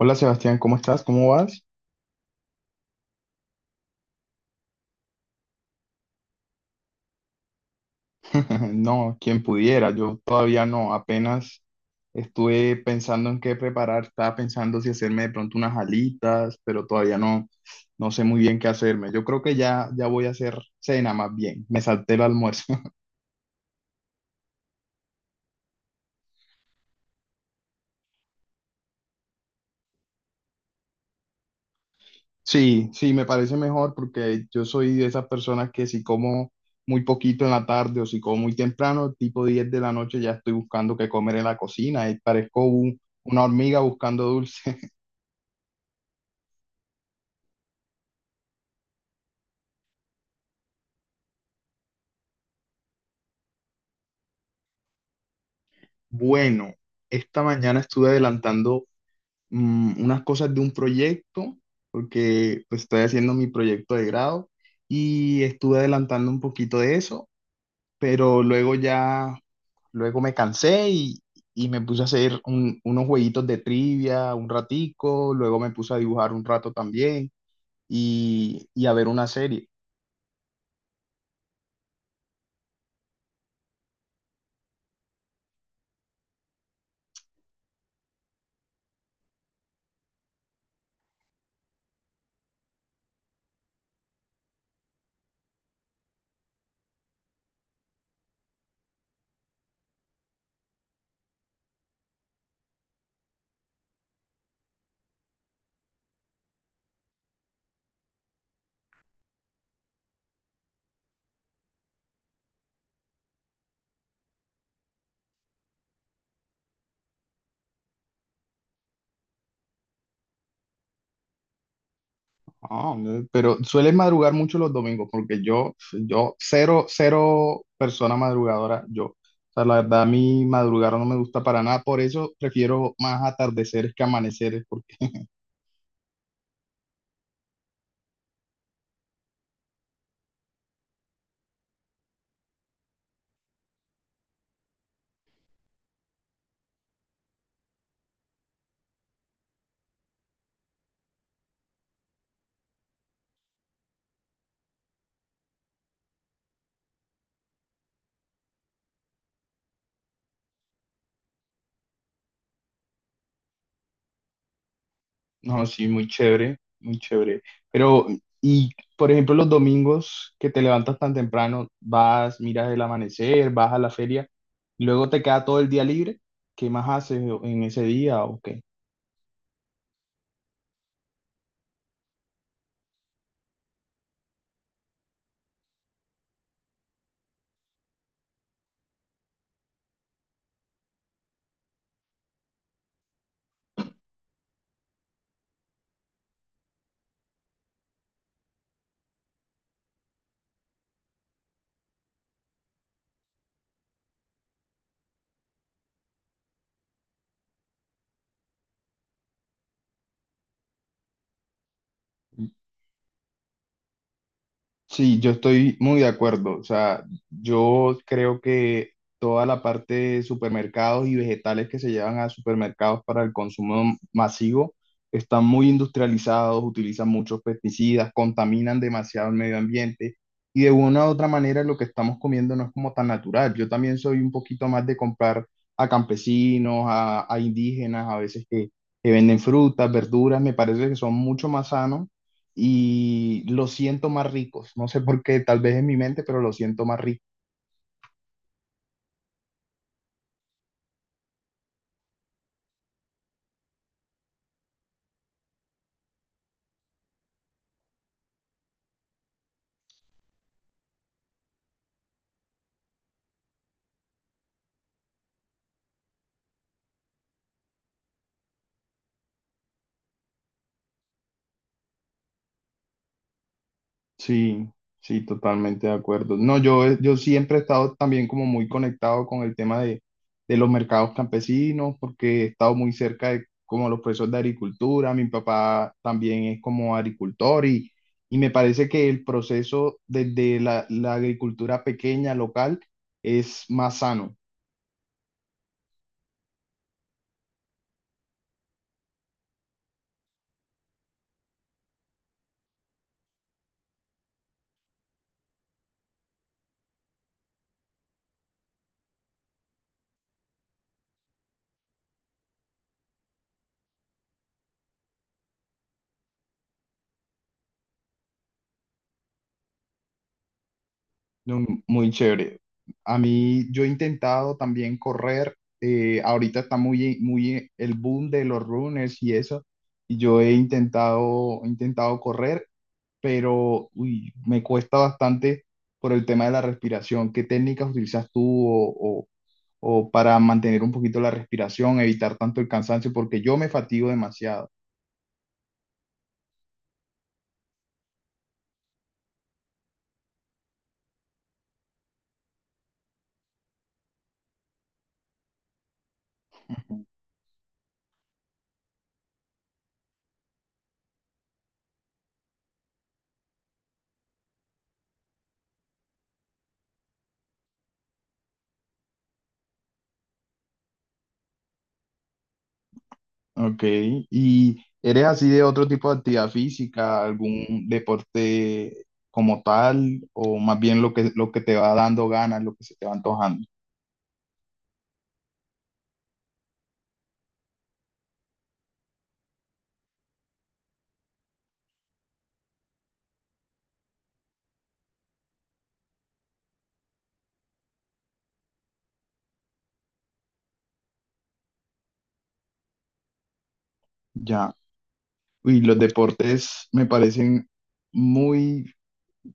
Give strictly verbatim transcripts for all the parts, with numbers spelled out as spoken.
Hola Sebastián, ¿cómo estás? ¿Cómo vas? No, quien pudiera, yo todavía no, apenas estuve pensando en qué preparar, estaba pensando si hacerme de pronto unas alitas, pero todavía no, no sé muy bien qué hacerme. Yo creo que ya, ya voy a hacer cena más bien, me salté el almuerzo. Sí, sí, me parece mejor porque yo soy de esas personas que si como muy poquito en la tarde o si como muy temprano, tipo diez de la noche, ya estoy buscando qué comer en la cocina y parezco un- una hormiga buscando dulce. Bueno, esta mañana estuve adelantando mm, unas cosas de un proyecto, porque pues, estoy haciendo mi proyecto de grado y estuve adelantando un poquito de eso, pero luego ya, luego me cansé y, y me puse a hacer un- unos jueguitos de trivia un ratico, luego me puse a dibujar un rato también y, y a ver una serie. Ah, hombre, pero sueles madrugar mucho los domingos, porque yo, yo, cero, cero persona madrugadora, yo. O sea, la verdad, a mí madrugar no me gusta para nada, por eso prefiero más atardeceres que amaneceres, porque no, sí, muy chévere, muy chévere. Pero, y, por ejemplo, los domingos que te levantas tan temprano, vas, miras el amanecer, vas a la feria, luego te queda todo el día libre, ¿qué más haces en ese día o qué? Sí, yo estoy muy de acuerdo. O sea, yo creo que toda la parte de supermercados y vegetales que se llevan a supermercados para el consumo masivo están muy industrializados, utilizan muchos pesticidas, contaminan demasiado el medio ambiente y de una u otra manera lo que estamos comiendo no es como tan natural. Yo también soy un poquito más de comprar a campesinos, a, a indígenas, a veces que, que venden frutas, verduras, me parece que son mucho más sanos y los siento más ricos. No sé por qué, tal vez en mi mente, pero los siento más ricos. Sí, sí, totalmente de acuerdo. No, yo, eh, yo siempre he estado también como muy conectado con el tema de, de los mercados campesinos, porque he estado muy cerca de como los procesos de agricultura. Mi papá también es como agricultor y, y me parece que el proceso desde la, la agricultura pequeña, local, es más sano. No, muy chévere. A mí, yo he intentado también correr. Eh, ahorita está muy, muy el boom de los runners y eso. Y yo he intentado, he intentado correr, pero uy, me cuesta bastante por el tema de la respiración. ¿Qué técnicas utilizas tú o, o o para mantener un poquito la respiración, evitar tanto el cansancio? Porque yo me fatigo demasiado. Ok, ¿y eres así de otro tipo de actividad física, algún deporte como tal, o más bien lo que, lo que te va dando ganas, lo que se te va antojando? Ya. Y los deportes me parecen muy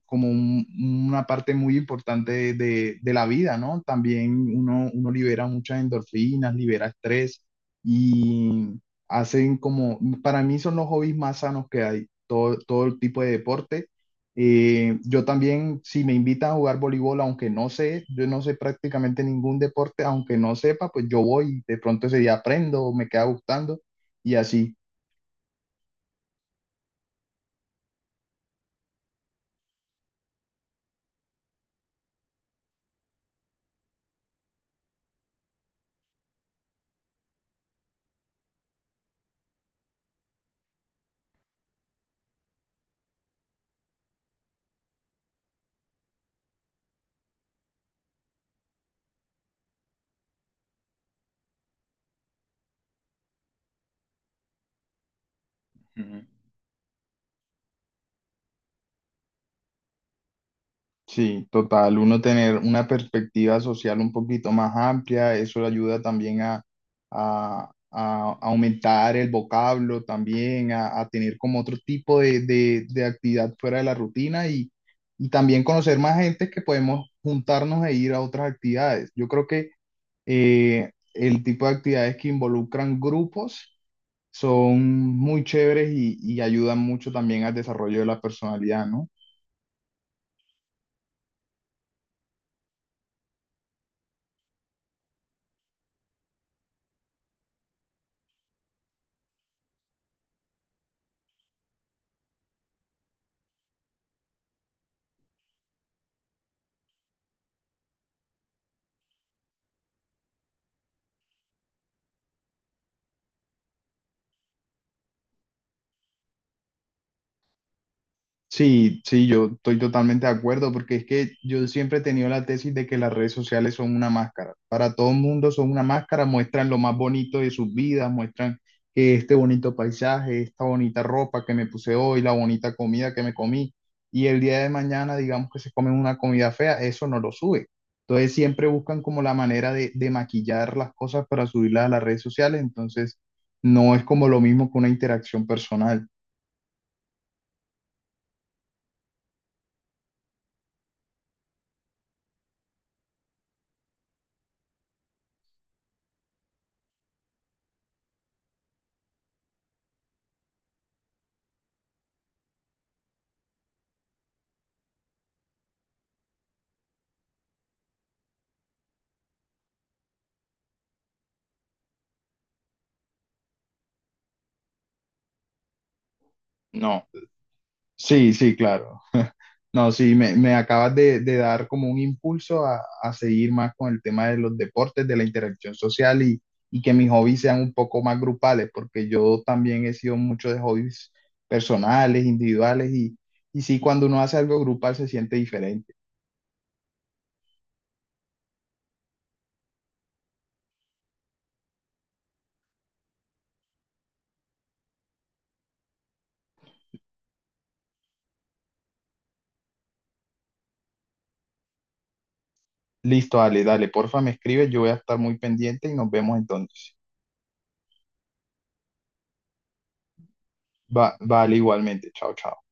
como un, una parte muy importante de, de, la vida, ¿no? También uno, uno libera muchas endorfinas, libera estrés y hacen como, para mí son los hobbies más sanos que hay, todo, todo el tipo de deporte. Eh, yo también, si me invitan a jugar voleibol, aunque no sé, yo no sé prácticamente ningún deporte, aunque no sepa, pues yo voy, de pronto ese día aprendo, me queda gustando y así. Sí, total, uno tener una perspectiva social un poquito más amplia, eso le ayuda también a, a- a aumentar el vocablo, también a, a tener como otro tipo de, de- de actividad fuera de la rutina y, y también conocer más gente que podemos juntarnos e ir a otras actividades. Yo creo que eh, el tipo de actividades que involucran grupos son muy chéveres y, y ayudan mucho también al desarrollo de la personalidad, ¿no? Sí, sí, yo estoy totalmente de acuerdo porque es que yo siempre he tenido la tesis de que las redes sociales son una máscara. Para todo el mundo son una máscara, muestran lo más bonito de sus vidas, muestran que este bonito paisaje, esta bonita ropa que me puse hoy, la bonita comida que me comí y el día de mañana digamos que se comen una comida fea, eso no lo sube. Entonces siempre buscan como la manera de, de maquillar las cosas para subirlas a las redes sociales, entonces no es como lo mismo que una interacción personal. No. Sí, sí, claro. No, sí, me, me acabas de, de dar como un impulso a, a seguir más con el tema de los deportes, de la interacción social y, y que mis hobbies sean un poco más grupales, porque yo también he sido mucho de hobbies personales, individuales y, y sí, cuando uno hace algo grupal se siente diferente. Listo, dale, dale, porfa, me escribes, yo voy a estar muy pendiente y nos vemos entonces. Va, vale, igualmente, chao, chao.